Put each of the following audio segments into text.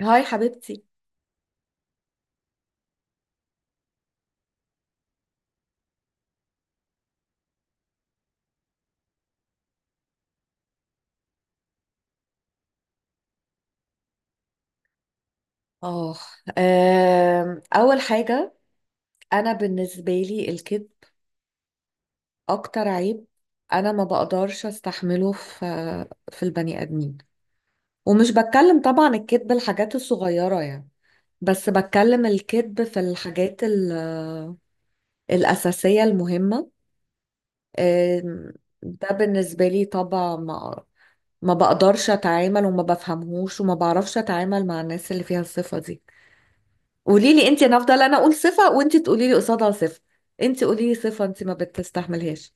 هاي حبيبتي. اه اول حاجه، انا بالنسبه لي الكذب اكتر عيب، انا ما بقدرش استحمله في البني ادمين. ومش بتكلم طبعا الكذب الحاجات الصغيره يعني، بس بتكلم الكذب في الحاجات الاساسيه المهمه. آم، ده بالنسبه لي طبعا، ما بقدرش اتعامل وما بفهمهوش وما بعرفش اتعامل مع الناس اللي فيها الصفه دي. قولي لي انت، انا افضل انا اقول صفه وانت تقولي لي قصادها صفه. انت قولي لي صفه انت ما بتستحملهاش.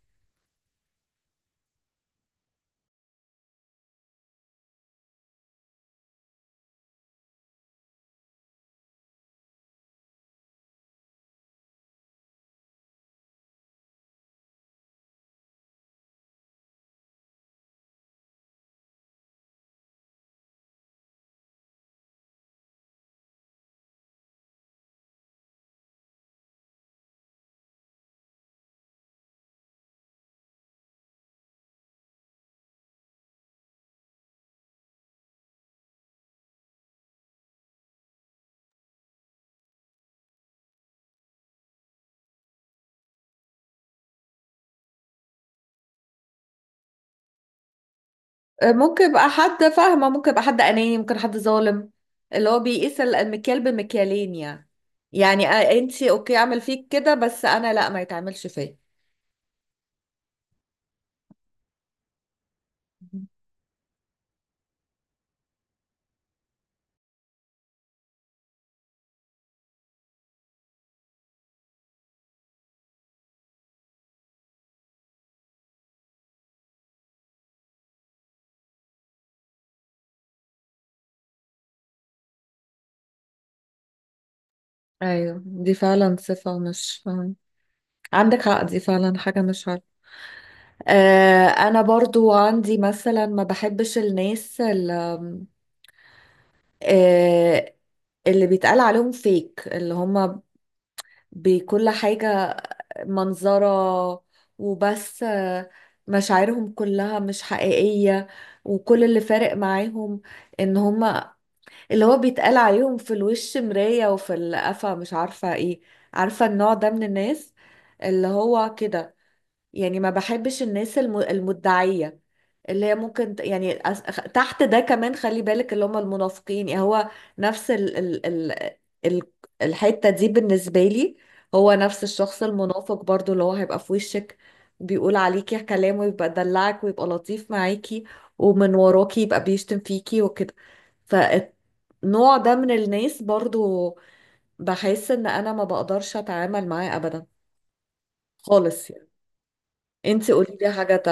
ممكن يبقى حد فاهمه، ممكن يبقى حد اناني، ممكن حد ظالم، اللي هو بيقيس المكيال بمكيالين يعني. يعني انت اوكي اعمل فيك كده بس انا لا، ما يتعملش فيا. ايوه دي فعلا صفه، مش عندك حق، دي فعلا حاجه مش عارفه. آه انا برضو عندي مثلا ما بحبش الناس اللي، آه اللي بيتقال عليهم فيك، اللي هم بكل حاجة منظرة وبس، مشاعرهم كلها مش حقيقية. وكل اللي فارق معاهم ان هما اللي هو بيتقال عليهم في الوش مراية وفي القفا، مش عارفة ايه. عارفة النوع ده من الناس اللي هو كده؟ يعني ما بحبش الناس المدعية، اللي هي ممكن تحت ده كمان، خلي بالك اللي هم المنافقين. يعني هو نفس ال الحتة دي بالنسبة لي، هو نفس الشخص المنافق برضو، اللي هو هيبقى في وشك بيقول عليكي كلام ويبقى دلعك ويبقى لطيف معاكي، ومن وراكي يبقى بيشتم فيكي وكده. فالنوع ده من الناس برضو بحس ان انا ما بقدرش اتعامل معاه ابدا خالص يعني. انتي قولي لي حاجة.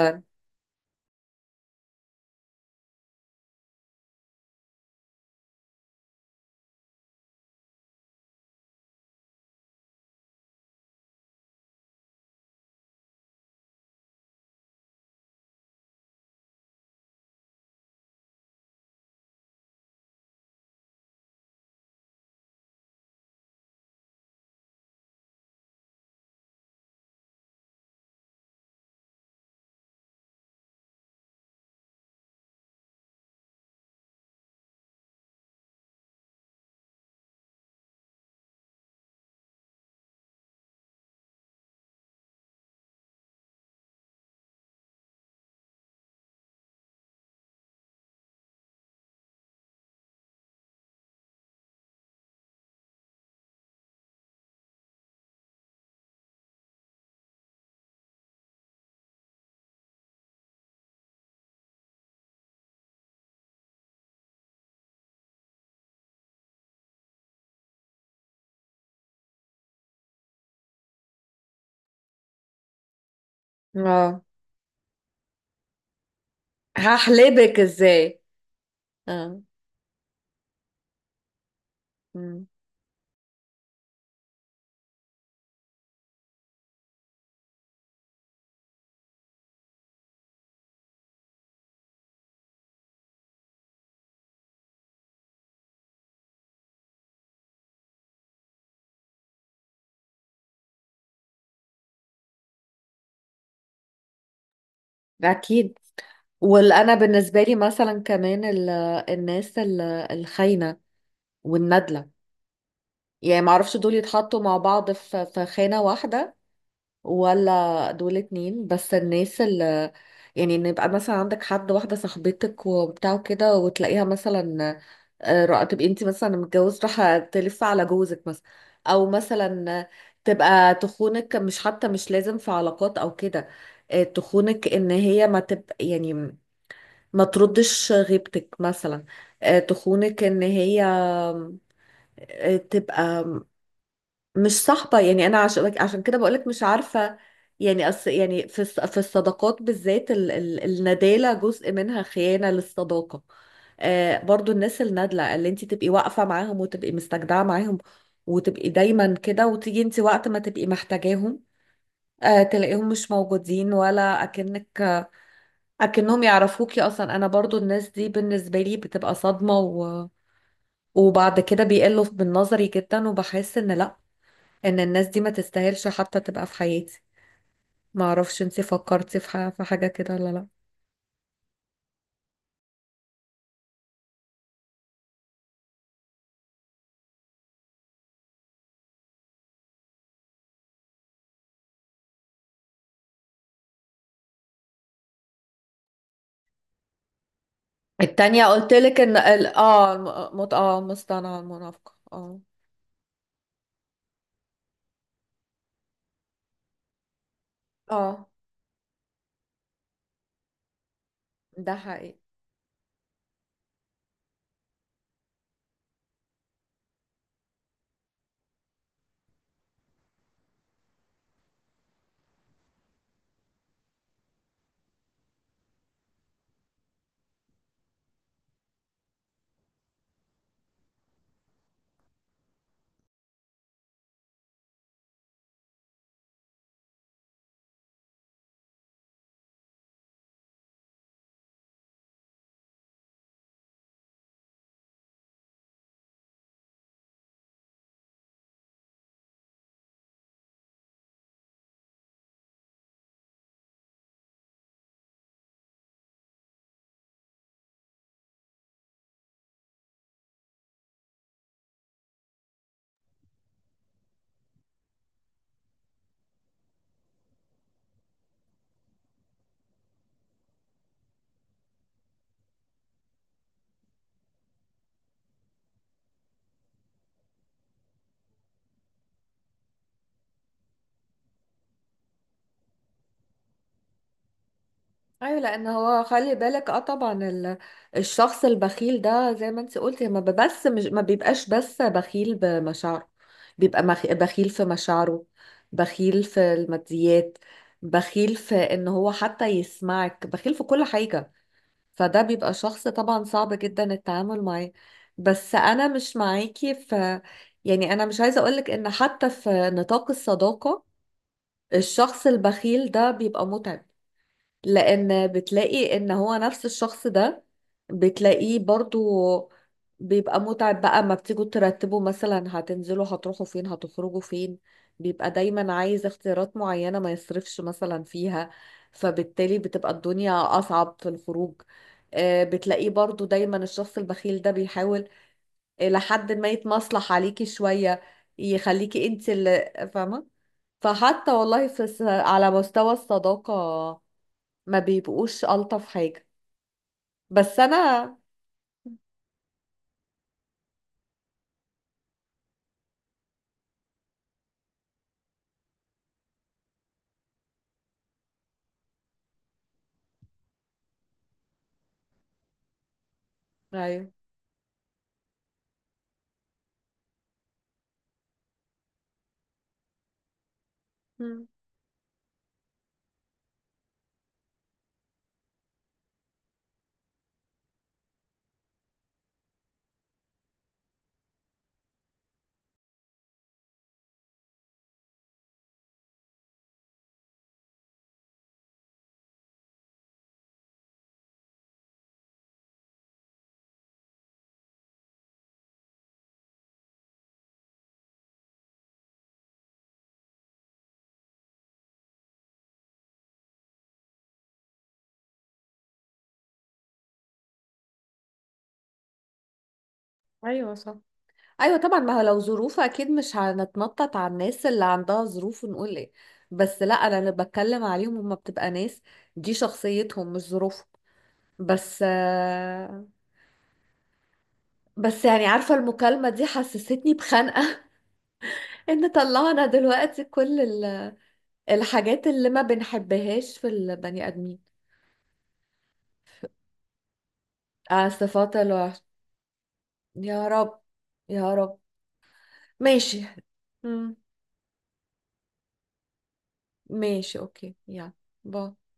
اه، هحلبك ازاي. اه. مم. اكيد. وانا بالنسبه لي مثلا كمان الناس الخاينه والندله، يعني ما اعرفش دول يتحطوا مع بعض في خانه واحده، ولا دول اتنين. بس الناس اللي، يعني إن يبقى مثلا عندك حد، واحدة صاحبتك وبتاع كده، وتلاقيها مثلا تبقي انت مثلا متجوز، راح تلف على جوزك مثلا، او مثلا تبقى تخونك. مش حتى مش لازم في علاقات او كده، تخونك ان هي ما تبقى يعني ما تردش غيبتك مثلا. تخونك ان هي تبقى مش صاحبة. يعني أنا عشان كده بقولك مش عارفة. يعني أص يعني في في الصداقات بالذات ال الندالة جزء منها خيانة للصداقة. آه برضو الناس النادلة، اللي انت تبقي واقفة معاهم وتبقي مستجدعة معاهم وتبقي دايما كده، وتيجي انت وقت ما تبقي محتاجاهم آه تلاقيهم مش موجودين، ولا أكنك أكنهم يعرفوكي أصلا. أنا برضو الناس دي بالنسبة لي بتبقى صدمة، و وبعد كده بيقلوا من نظري جدا، وبحس إن لأ، ان الناس دي ما تستاهلش حتى تبقى في حياتي. ما اعرفش انت فكرتي في في حاجة كده ولا لا؟ التانية قلت لك ان ال- اه الم- مت... اه مصطنعة المنافقة، اه. اه، ده حقيقي. ايوه، لان هو خلي بالك اه طبعا الشخص البخيل ده زي ما انت قلتي، ما بيبقاش بس بخيل بمشاعره. بخيل في مشاعره، بخيل في الماديات، بخيل في ان هو حتى يسمعك، بخيل في كل حاجة. فده بيبقى شخص طبعا صعب جدا التعامل معاه. بس انا مش معاكي في، يعني انا مش عايزه اقولك ان حتى في نطاق الصداقه الشخص البخيل ده بيبقى متعب. لان بتلاقي ان هو نفس الشخص ده، بتلاقيه برضو بيبقى متعب بقى. ما بتيجوا ترتبوا مثلا هتنزلوا، هتروحوا فين، هتخرجوا فين، بيبقى دايما عايز اختيارات معينة ما يصرفش مثلا فيها. فبالتالي بتبقى الدنيا اصعب في الخروج. بتلاقيه برضو دايما الشخص البخيل ده بيحاول إلى حد ما يتمصلح عليكي شوية، يخليكي انت اللي فاهمة. فحتى والله في على مستوى الصداقة ما بيبقوش ألطف حاجة. بس أنا، أيوه. مم. أيوه صح، أيوه طبعا، ما هو لو ظروف أكيد مش هنتنطط على الناس اللي عندها ظروف ونقول إيه. بس لا، أنا اللي بتكلم عليهم هما بتبقى ناس دي شخصيتهم مش ظروفهم. بس بس يعني عارفة المكالمة دي حسستني بخنقة. إن طلعنا دلوقتي كل الحاجات اللي ما بنحبهاش في البني آدمين، صفات الوحش. يا رب يا رب. ماشي. مم. ماشي اوكي، يلا باي.